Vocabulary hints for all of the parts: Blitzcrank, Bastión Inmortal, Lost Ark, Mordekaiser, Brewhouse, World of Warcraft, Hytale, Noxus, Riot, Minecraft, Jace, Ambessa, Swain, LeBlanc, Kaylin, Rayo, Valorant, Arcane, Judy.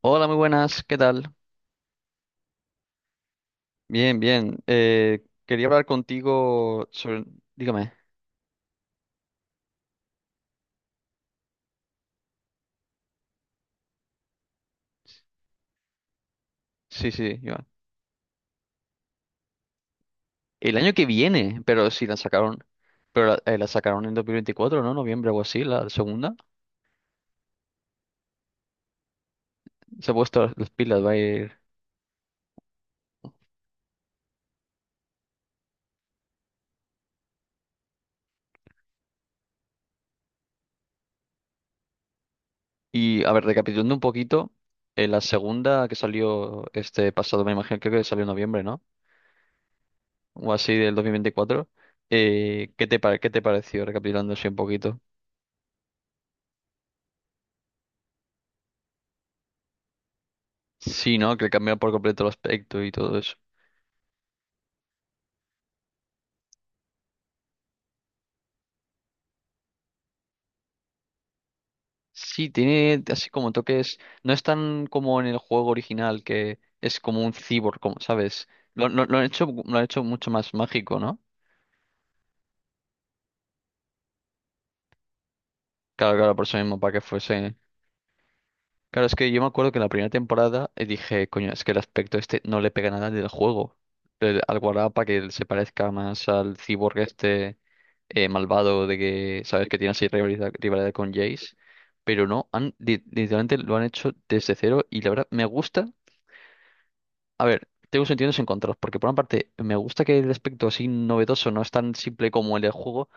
Hola, muy buenas, ¿qué tal? Bien, bien. Quería hablar contigo sobre. Dígame. Sí, sí, Iván. El año que viene, pero sí, la sacaron. Pero la sacaron en 2024, ¿no? Noviembre o así, la segunda. Se ha puesto las pilas, va a ir. Y, a ver, recapitulando un poquito, la segunda que salió este pasado, me imagino, creo que salió en noviembre, ¿no? O así del 2024. ¿ Qué te pareció, recapitulando así un poquito? Sí, ¿no? Que cambió por completo el aspecto y todo. Sí, tiene así como toques. No es tan como en el juego original que es como un cyborg, como, ¿sabes? Lo han hecho mucho más mágico, ¿no? Claro, claro, por eso mismo, para que fuese. Claro, es que yo me acuerdo que en la primera temporada dije, coño, es que el aspecto este no le pega nada al del juego. Al guardado para que él se parezca más al cyborg este malvado de que, ¿sabes? Que tiene así rivalidad, rivalidad con Jace. Pero no, literalmente lo han hecho desde cero y la verdad me gusta. A ver, tengo sentimientos encontrados, porque por una parte me gusta que el aspecto así novedoso no es tan simple como el del juego,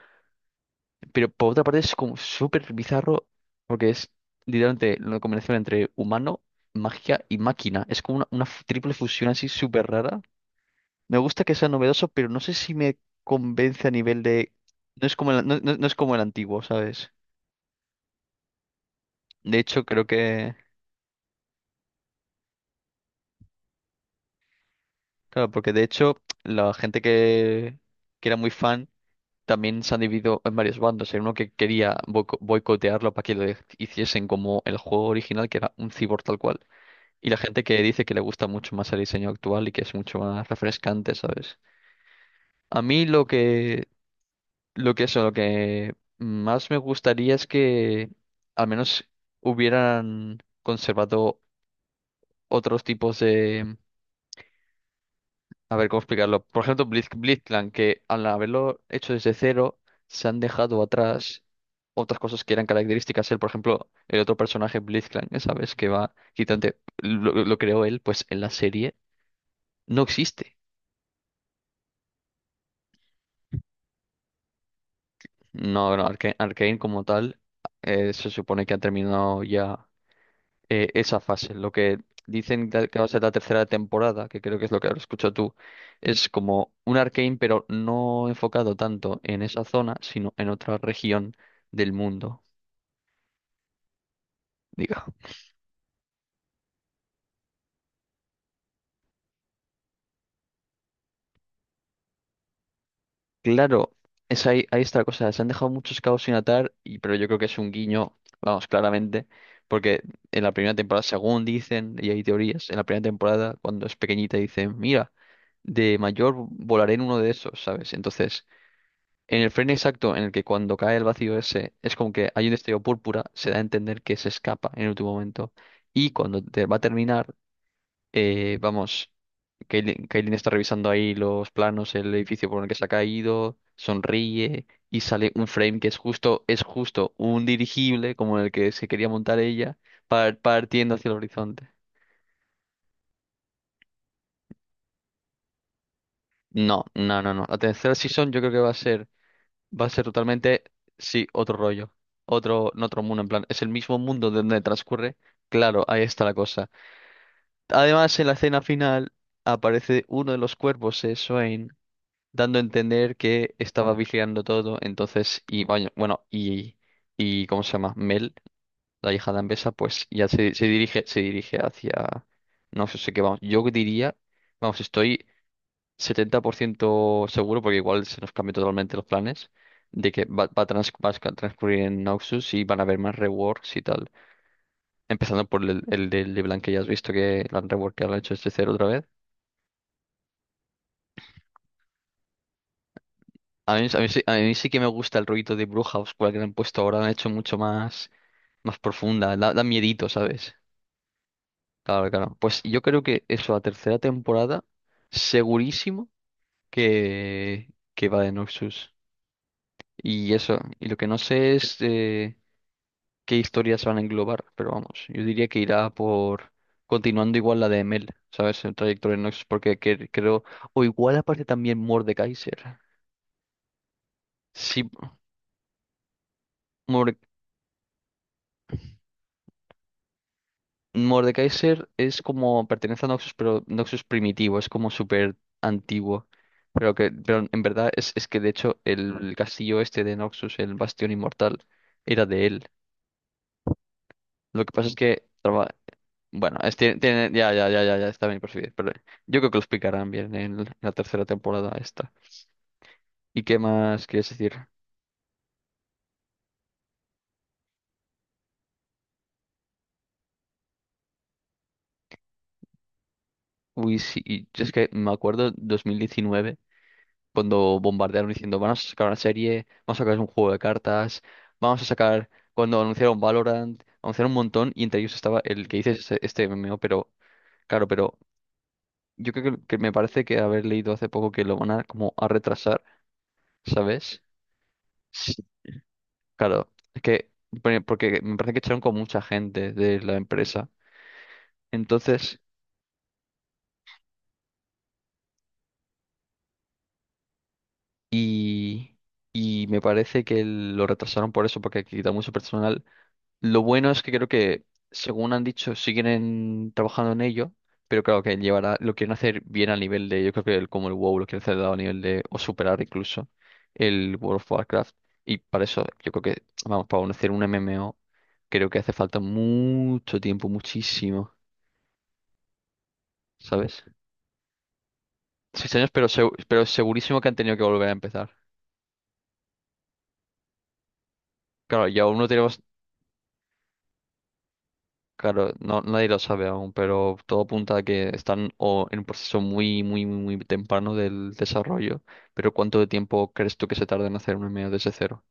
pero por otra parte es como súper bizarro, porque es literalmente la combinación entre humano, magia y máquina. Es como una triple fusión así súper rara. Me gusta que sea novedoso, pero no sé si me convence a nivel de. No es como el antiguo, ¿sabes? De hecho, creo que. Claro, porque de hecho la gente que era muy fan también se han dividido en varios bandos. Hay uno que quería boicotearlo para que hiciesen como el juego original, que era un cyborg tal cual. Y la gente que dice que le gusta mucho más el diseño actual y que es mucho más refrescante, ¿sabes? A mí lo que más me gustaría es que al menos hubieran conservado otros tipos. A ver, ¿cómo explicarlo? Por ejemplo, Blitzcrank, que al haberlo hecho desde cero, se han dejado atrás otras cosas que eran características. Él, por ejemplo, el otro personaje, Blitzcrank, ¿sabes? Que va quitante, lo creó él, pues en la serie no existe. No, no, Arcane como tal, se supone que ha terminado ya esa fase. Lo que dicen que va a ser la tercera temporada, que creo que es lo que ahora escucho tú, es como un Arcane, pero no enfocado tanto en esa zona, sino en otra región del mundo, diga. Claro, es ahí está la cosa. Se han dejado muchos cabos sin atar, pero yo creo que es un guiño, vamos, claramente. Porque en la primera temporada, según dicen, y hay teorías, en la primera temporada, cuando es pequeñita, dicen, mira, de mayor volaré en uno de esos, ¿sabes? Entonces, en el frame exacto en el que cuando cae el vacío ese es como que hay un destello púrpura, se da a entender que se escapa en el último momento. Y cuando te va a terminar, vamos, Kaylin está revisando ahí los planos, el edificio por el que se ha caído, sonríe y sale un frame que es justo un dirigible como el que se quería montar ella, partiendo hacia el horizonte. No, no, no, no. La tercera season yo creo que va a ser. Va a ser totalmente, sí, otro rollo. Otro, no otro mundo, en plan, es el mismo mundo de donde transcurre. Claro, ahí está la cosa. Además, en la escena final aparece uno de los cuervos, Swain, dando a entender que estaba vigilando todo. Entonces, y bueno, y ¿cómo se llama? Mel, la hija de Ambessa, pues ya se dirige hacia. No sé qué vamos. Yo diría, vamos, estoy 70% seguro, porque igual se nos cambian totalmente los planes, de que va, va a, trans- va a sca- transcurrir en Noxus y van a haber más reworks y tal. Empezando por el de LeBlanc que ya has visto que lo han reworked, lo han hecho desde cero otra vez. A mí sí que me gusta el rollito de Brewhouse, cual que le han puesto ahora, lo han hecho mucho más profunda, da miedito, ¿sabes? Claro, claro. Pues yo creo que eso, la tercera temporada, segurísimo que, que va de Noxus. Y eso, y lo que no sé es, qué historias van a englobar, pero vamos, yo diría que irá por continuando igual la de Emel, ¿sabes? El trayecto de Nox, porque creo, o igual aparece también Mordekaiser. Sí, Morde- Mordekaiser es como pertenece a Noxus, pero Noxus primitivo, es como súper antiguo. Pero que, pero en verdad es que de hecho el castillo este de Noxus, el Bastión Inmortal, era de él. Lo que pasa. Bueno, es, ya, ya, ya, ya, ya está bien percibido, pero yo creo que lo explicarán bien en la tercera temporada esta. ¿Y qué más quieres decir? Uy, sí, y es que me acuerdo 2019 cuando bombardearon diciendo, vamos a sacar una serie, vamos a sacar un juego de cartas, vamos a sacar, cuando anunciaron Valorant, anunciaron un montón y entre ellos estaba el que dices este, este MMO, pero claro, pero yo creo que me parece que haber leído hace poco que lo van a como a retrasar, ¿sabes? Claro, es que, porque me parece que echaron con mucha gente de la empresa. Entonces, y, y me parece que lo retrasaron por eso, porque quita mucho personal. Lo bueno es que creo que, según han dicho, siguen trabajando en ello, pero claro que llevará, lo quieren hacer bien a nivel de, yo creo que como el WoW lo quieren hacer a nivel de, o superar incluso el World of Warcraft. Y para eso, yo creo que, vamos, para hacer un MMO, creo que hace falta mucho tiempo, muchísimo, ¿sabes? 6 años, pero, pero segurísimo que han tenido que volver a empezar. Claro, y aún no tenemos, claro, no, nadie lo sabe aún, pero todo apunta a que están o en un proceso muy, muy, muy, muy temprano del desarrollo. Pero ¿cuánto de tiempo crees tú que se tarda en hacer un MMO desde cero?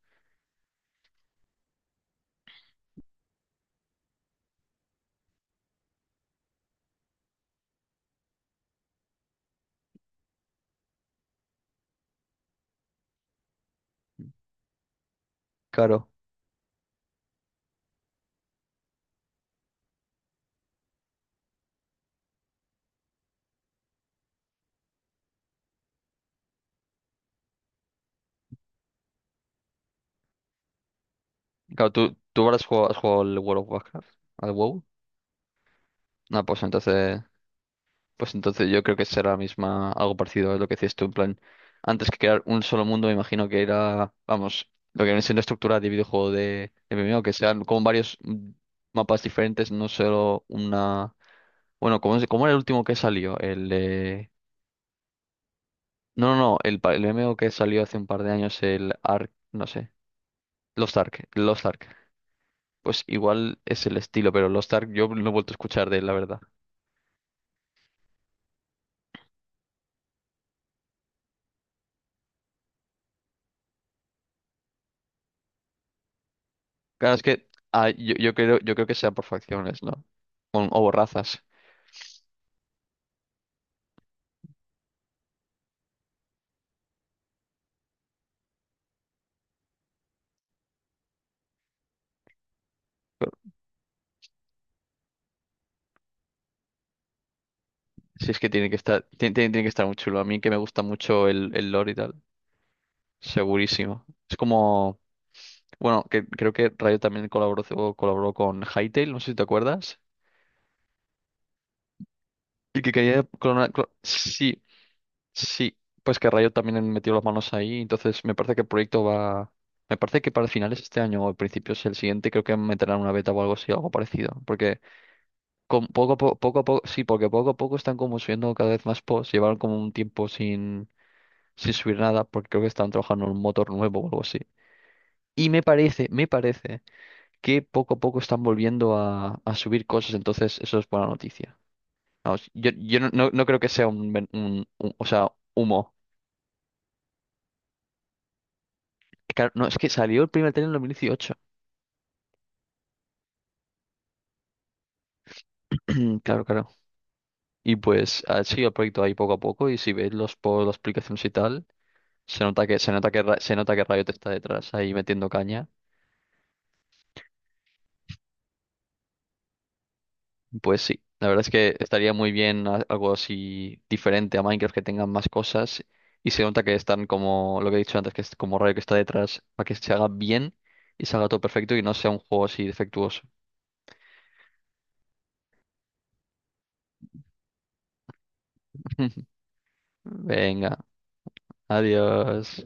Claro. Claro, tú ahora has jugado al World of Warcraft, al WoW. Ah, pues entonces. Pues entonces yo creo que será la misma, algo parecido a lo que decías tú, en plan, antes que crear un solo mundo, me imagino que era, vamos, lo que viene siendo estructura de videojuego de MMO, que sean como varios mapas diferentes, no solo una. Bueno, ¿ cómo era el último que salió? El No, no, no, el MMO que salió hace un par de años, el Ark, no sé, Lost Ark, Lost Ark. Pues igual es el estilo, pero Lost Ark yo no he vuelto a escuchar de él, la verdad. Claro, es que ah, yo creo que sea por facciones, ¿no? O razas. Si es que tiene que estar, tiene que estar muy chulo. A mí que me gusta mucho el lore y tal. Segurísimo. Es como, bueno, que creo que Rayo también colaboró, o colaboró con Hytale, no sé si te acuerdas. Y que quería. Sí, sí. Pues que Rayo también metió las manos ahí. Entonces me parece que el proyecto va. Me parece que para finales de este año o principios el siguiente creo que meterán una beta o algo así, algo parecido. Porque con poco a poco, sí, porque poco a poco están como subiendo cada vez más posts. Llevaron como un tiempo sin subir nada, porque creo que están trabajando en un motor nuevo o algo así. Y me parece que poco a poco están volviendo a subir cosas, entonces eso es buena noticia. Vamos, yo no, no- no creo que sea un, o sea, humo. Claro, no, es que salió el primer tren en 2018. Claro, claro. Y pues ha seguido el proyecto ahí poco a poco y si ves los por las aplicaciones y tal, se nota que Riot está detrás ahí metiendo caña. Pues sí, la verdad es que estaría muy bien, algo así diferente a Minecraft que tengan más cosas y se nota que están como lo que he dicho antes, que es como Rayo que está detrás para que se haga bien y salga todo perfecto y no sea un juego así defectuoso. Venga, adiós.